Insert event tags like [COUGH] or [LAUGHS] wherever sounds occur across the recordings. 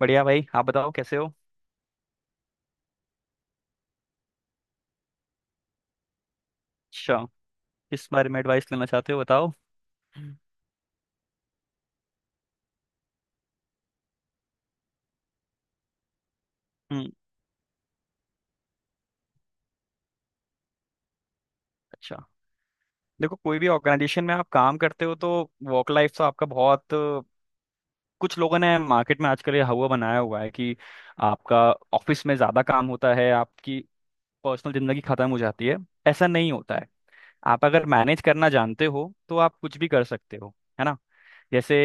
बढ़िया भाई, आप बताओ कैसे हो। अच्छा, किस बारे में एडवाइस लेना चाहते हो, बताओ। हम्म। अच्छा, देखो कोई भी ऑर्गेनाइजेशन में आप काम करते हो तो वर्क लाइफ तो आपका बहुत कुछ, लोगों ने मार्केट में आजकल ये हवा बनाया हुआ है कि आपका ऑफिस में ज़्यादा काम होता है, आपकी पर्सनल ज़िंदगी ख़त्म हो जाती है। ऐसा नहीं होता है। आप अगर मैनेज करना जानते हो तो आप कुछ भी कर सकते हो, है ना। जैसे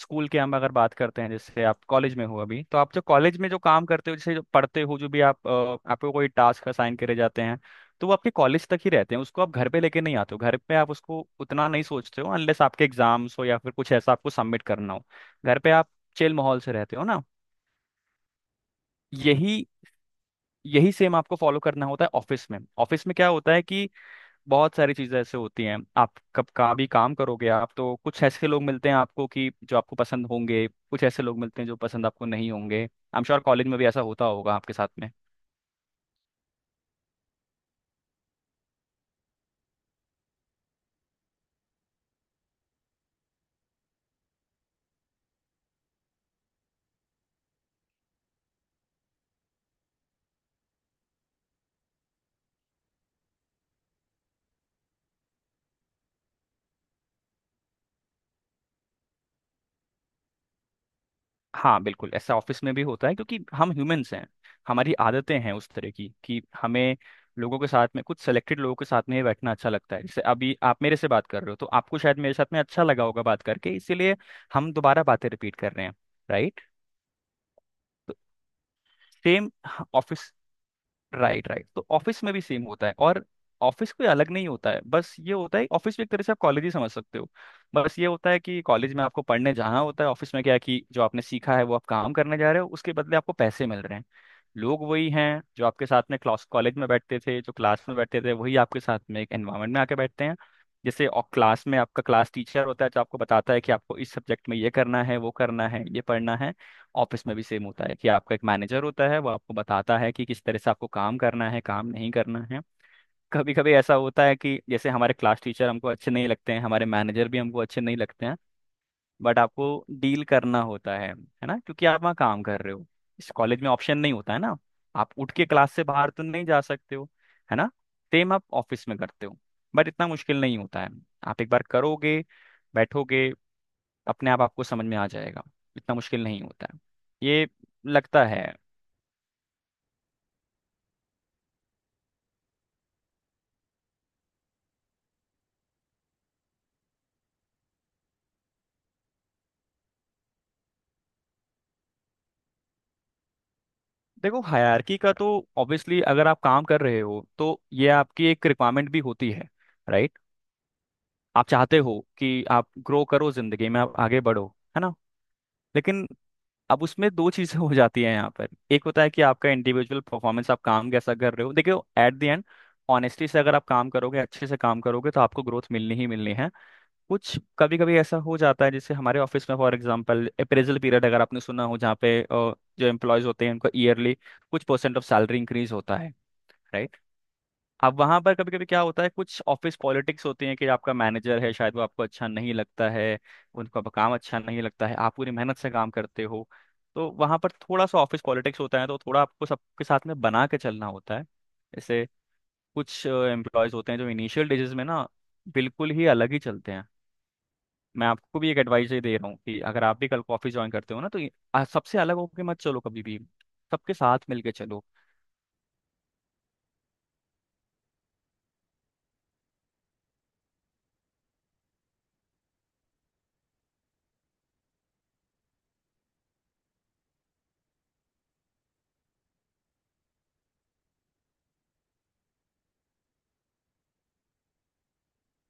स्कूल के हम अगर बात करते हैं, जैसे आप कॉलेज में हो अभी, तो आप जो कॉलेज में जो काम करते हो, जैसे जो पढ़ते हो, जो भी आप आपको कोई टास्क असाइन करे जाते हैं, तो वो आपके कॉलेज तक ही रहते हैं, उसको आप घर पे लेके नहीं आते हो। घर पे आप उसको उतना नहीं सोचते हो, अनलेस आपके एग्जाम्स हो या फिर कुछ ऐसा आपको सबमिट करना हो। घर पे आप चिल माहौल से रहते हो ना। यही यही सेम आपको फॉलो करना होता है ऑफिस में। ऑफिस में क्या होता है कि बहुत सारी चीज़ें ऐसे होती हैं, आप कब कहाँ भी काम करोगे आप तो, कुछ ऐसे लोग मिलते हैं आपको कि जो आपको पसंद होंगे, कुछ ऐसे लोग मिलते हैं जो पसंद आपको नहीं होंगे। आई एम श्योर कॉलेज में भी ऐसा होता होगा आपके साथ में। हाँ, बिल्कुल ऐसा ऑफिस में भी होता है, क्योंकि हम ह्यूमंस हैं, हमारी आदतें हैं उस तरह की कि हमें लोगों के साथ में, कुछ सेलेक्टेड लोगों के साथ में ही बैठना अच्छा लगता है। जैसे अभी आप मेरे से बात कर रहे हो, तो आपको शायद मेरे साथ में अच्छा लगा होगा बात करके, इसीलिए हम दोबारा बातें रिपीट कर रहे हैं, राइट। तो सेम ऑफिस, राइट राइट, तो ऑफिस में भी सेम होता है और ऑफिस कोई अलग नहीं होता है। बस ये होता है, ऑफिस भी एक तरह से आप कॉलेज ही समझ सकते हो। बस ये होता है कि कॉलेज में आपको पढ़ने जाना होता है, ऑफिस में क्या है कि जो आपने सीखा है वो आप काम करने जा रहे हो, उसके बदले आपको पैसे मिल रहे हैं। लोग वही हैं जो आपके साथ में क्लास, कॉलेज में बैठते थे, जो क्लास में बैठते थे वही आपके साथ में एक एनवायरनमेंट में आके बैठते हैं। जैसे और क्लास में आपका क्लास टीचर होता है जो आपको बताता है कि आपको इस सब्जेक्ट में ये करना है, वो करना है, ये पढ़ना है, ऑफिस में भी सेम होता है कि आपका एक मैनेजर होता है, वो आपको बताता है कि किस तरह से आपको काम करना है, काम नहीं करना है। कभी कभी ऐसा होता है कि जैसे हमारे क्लास टीचर हमको अच्छे नहीं लगते हैं, हमारे मैनेजर भी हमको अच्छे नहीं लगते हैं, बट आपको डील करना होता है ना, क्योंकि आप वहाँ काम कर रहे हो। इस कॉलेज में ऑप्शन नहीं होता है ना, आप उठ के क्लास से बाहर तो नहीं जा सकते हो, है ना। सेम आप ऑफिस में करते हो, बट इतना मुश्किल नहीं होता है। आप एक बार करोगे, बैठोगे, अपने आप आपको समझ में आ जाएगा, इतना मुश्किल नहीं होता है, ये लगता है। देखो हायरार्की का तो ऑब्वियसली अगर आप काम कर रहे हो तो ये आपकी एक रिक्वायरमेंट भी होती है, राइट। आप चाहते हो कि आप ग्रो करो जिंदगी में, आप आगे बढ़ो, है ना। लेकिन अब उसमें दो चीजें हो जाती हैं यहाँ पर। एक होता है कि आपका इंडिविजुअल परफॉर्मेंस, आप काम कैसा कर रहे हो, देखियो एट द एंड ऑनेस्टी से अगर आप काम करोगे, अच्छे से काम करोगे, तो आपको ग्रोथ मिलनी ही मिलनी है। कुछ कभी कभी ऐसा हो जाता है, जैसे हमारे ऑफिस में फॉर एग्जांपल अप्रेजल पीरियड, अगर आपने सुना हो, जहाँ पे जो एम्प्लॉयज होते हैं उनका ईयरली कुछ परसेंट ऑफ सैलरी इंक्रीज होता है, राइट। अब वहां पर कभी कभी क्या होता है, कुछ ऑफिस पॉलिटिक्स होती है कि आपका मैनेजर है, शायद वो आपको अच्छा नहीं लगता है, उनका काम अच्छा नहीं लगता है, आप पूरी मेहनत से काम करते हो, तो वहां पर थोड़ा सा ऑफिस पॉलिटिक्स होता है, तो थोड़ा आपको सबके साथ में बना के चलना होता है। जैसे कुछ एम्प्लॉयज होते हैं जो इनिशियल डेजेस में ना बिल्कुल ही अलग ही चलते हैं। मैं आपको भी एक एडवाइस ही दे रहा हूँ कि अगर आप भी कल कॉफी ज्वाइन करते हो ना, तो सबसे अलग होके मत चलो कभी भी, सबके साथ मिलके चलो।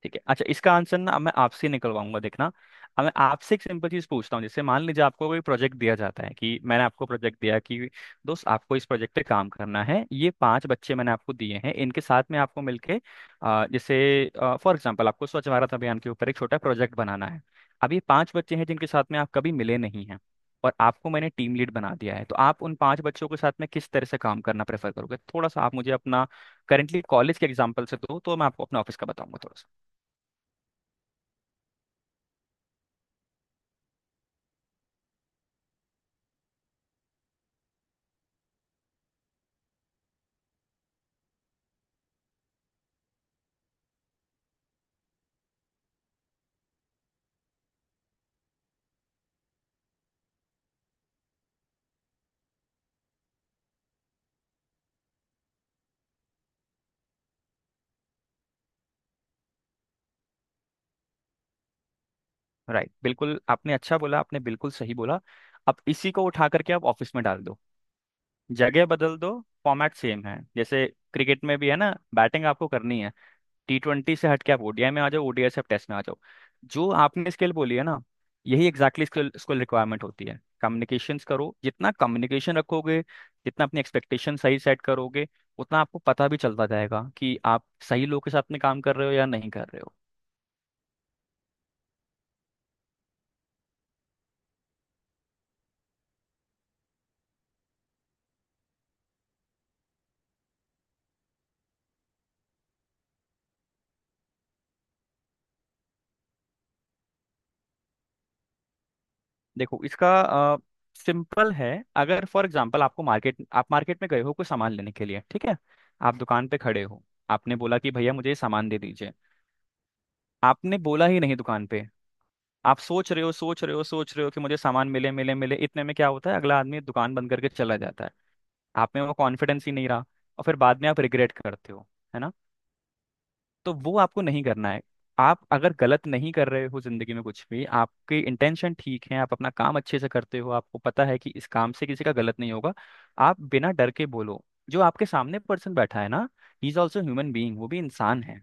ठीक है, अच्छा इसका आंसर ना अब मैं आपसे निकलवाऊंगा, देखना। अब मैं आपसे एक सिंपल चीज पूछता हूँ, जैसे मान लीजिए आपको कोई प्रोजेक्ट दिया जाता है, कि मैंने आपको प्रोजेक्ट दिया कि दोस्त आपको इस प्रोजेक्ट पे काम करना है, ये पांच बच्चे मैंने आपको दिए हैं, इनके साथ में आपको मिलके जैसे फॉर एग्जांपल आपको स्वच्छ भारत अभियान के ऊपर एक छोटा प्रोजेक्ट बनाना है। अब ये पांच बच्चे हैं जिनके साथ में आप कभी मिले नहीं हैं, और आपको मैंने टीम लीड बना दिया है, तो आप उन पांच बच्चों के साथ में किस तरह से काम करना प्रेफर करोगे, थोड़ा सा आप मुझे अपना करेंटली कॉलेज के एग्जाम्पल से दो, तो मैं आपको अपने ऑफिस का बताऊंगा थोड़ा सा। राइट, बिल्कुल आपने अच्छा बोला, आपने बिल्कुल सही बोला। अब इसी को उठा करके आप ऑफिस में डाल दो, जगह बदल दो, फॉर्मेट सेम है। जैसे क्रिकेट में भी है ना, बैटिंग आपको करनी है, टी ट्वेंटी से हट के आप ओडीआई में आ जाओ, ओडीआई से आप टेस्ट में आ जाओ। जो आपने स्किल बोली है ना, यही एग्जैक्टली स्किल, रिक्वायरमेंट होती है। कम्युनिकेशंस करो, जितना कम्युनिकेशन रखोगे, जितना अपनी एक्सपेक्टेशन सही सेट करोगे, उतना आपको पता भी चलता जाएगा कि आप सही लोग के साथ में काम कर रहे हो या नहीं कर रहे हो। देखो इसका सिंपल है, अगर फॉर एग्जांपल आपको मार्केट, आप मार्केट में गए हो कोई सामान लेने के लिए, ठीक है। आप दुकान पे खड़े हो, आपने बोला कि भैया मुझे ये सामान दे दीजिए, आपने बोला ही नहीं दुकान पे, आप सोच रहे हो, सोच रहे हो कि मुझे सामान मिले, मिले, इतने में क्या होता है, अगला आदमी दुकान बंद करके चला जाता है। आप में वो कॉन्फिडेंस ही नहीं रहा, और फिर बाद में आप रिग्रेट करते हो, है ना। तो वो आपको नहीं करना है। आप अगर गलत नहीं कर रहे हो जिंदगी में कुछ भी, आपके इंटेंशन ठीक है, आप अपना काम अच्छे से करते हो, आपको पता है कि इस काम से किसी का गलत नहीं होगा, आप बिना डर के बोलो। जो आपके सामने पर्सन बैठा है ना, he is also human being, वो भी इंसान है।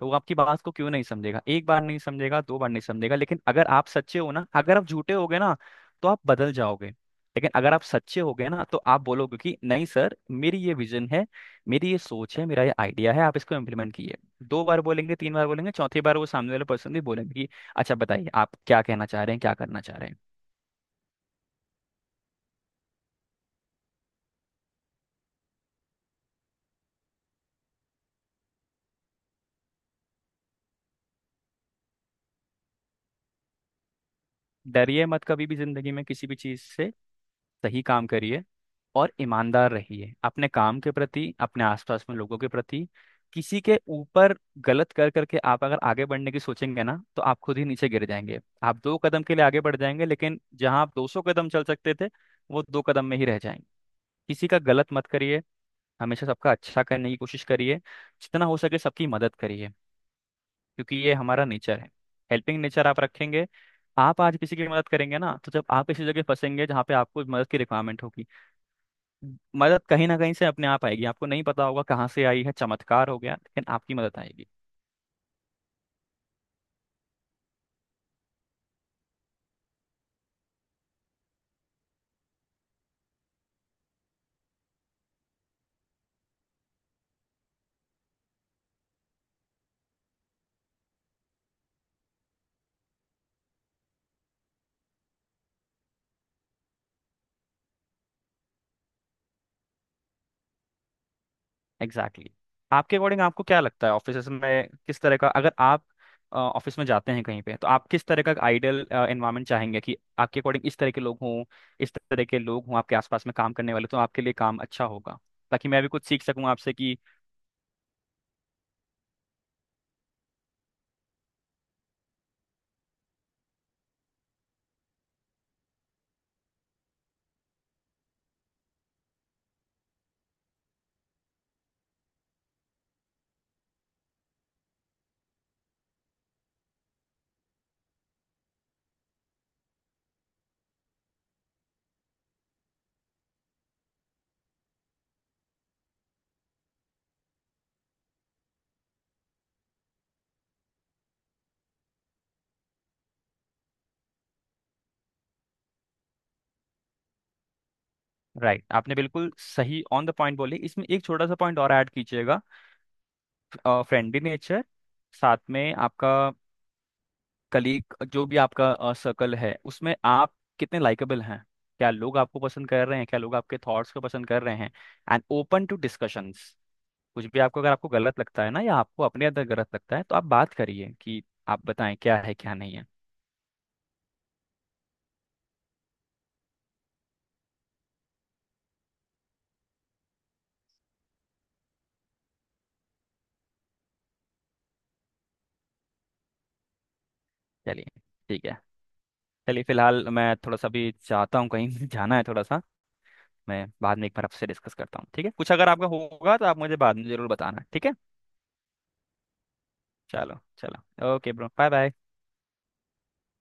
तो वो आपकी बात को क्यों नहीं समझेगा, एक बार नहीं समझेगा, दो बार नहीं समझेगा, लेकिन अगर आप सच्चे हो ना। अगर आप झूठे हो गए ना तो आप बदल जाओगे, लेकिन अगर आप सच्चे हो गए ना, तो आप बोलोगे कि नहीं सर मेरी ये विजन है, मेरी ये सोच है, मेरा ये आइडिया है, आप इसको इम्प्लीमेंट कीजिए। दो बार बोलेंगे, तीन बार बोलेंगे, चौथी बार वो सामने वाले पर्सन भी बोलेंगे कि अच्छा बताइए, आप क्या कहना चाह रहे हैं, क्या करना चाह रहे हैं। डरिए मत कभी भी जिंदगी में किसी भी चीज से, सही काम करिए और ईमानदार रहिए अपने काम के प्रति, अपने आसपास में लोगों के प्रति। किसी के ऊपर गलत कर करके आप अगर आगे बढ़ने की सोचेंगे ना, तो आप खुद ही नीचे गिर जाएंगे। आप दो कदम के लिए आगे बढ़ जाएंगे, लेकिन जहां आप 200 कदम चल सकते थे, वो दो कदम में ही रह जाएंगे। किसी का गलत मत करिए, हमेशा सबका अच्छा करने की कोशिश करिए, जितना हो सके सबकी मदद करिए, क्योंकि ये हमारा नेचर है। हेल्पिंग नेचर आप रखेंगे, आप आज किसी की मदद करेंगे ना, तो जब आप किसी जगह फंसेंगे जहाँ पे आपको मदद की रिक्वायरमेंट होगी, मदद कहीं ना कहीं से अपने आप आएगी, आपको नहीं पता होगा कहाँ से आई है, चमत्कार हो गया, लेकिन आपकी मदद आएगी। Exactly, exactly. आपके अकॉर्डिंग आपको क्या लगता है ऑफिस में किस तरह का, अगर आप ऑफिस में जाते हैं कहीं पे, तो आप किस तरह का आइडियल एनवायरनमेंट चाहेंगे, कि आपके अकॉर्डिंग इस तरह के लोग हों, इस तरह के लोग हों आपके आसपास में काम करने वाले, तो आपके लिए काम अच्छा होगा, ताकि मैं भी कुछ सीख सकूं आपसे कि। राइट, आपने बिल्कुल सही ऑन द पॉइंट बोले, इसमें एक छोटा सा पॉइंट और ऐड कीजिएगा। फ्रेंडली नेचर साथ में आपका कलीग जो भी आपका सर्कल है, उसमें आप कितने लाइकेबल हैं, क्या लोग आपको पसंद कर रहे हैं, क्या लोग आपके थॉट्स को पसंद कर रहे हैं, एंड ओपन टू डिस्कशंस। कुछ भी आपको अगर आपको गलत लगता है ना, या आपको अपने अंदर गलत लगता है, तो आप बात करिए कि आप बताएं क्या है क्या नहीं है। चलिए, ठीक है, चलिए फिलहाल मैं थोड़ा सा भी चाहता हूँ कहीं [LAUGHS] जाना है थोड़ा सा। मैं बाद में एक बार आपसे डिस्कस करता हूँ, ठीक है, कुछ अगर आपका होगा तो आप मुझे बाद में जरूर बताना, ठीक है। चलो चलो, ओके ब्रो, बाय बाय।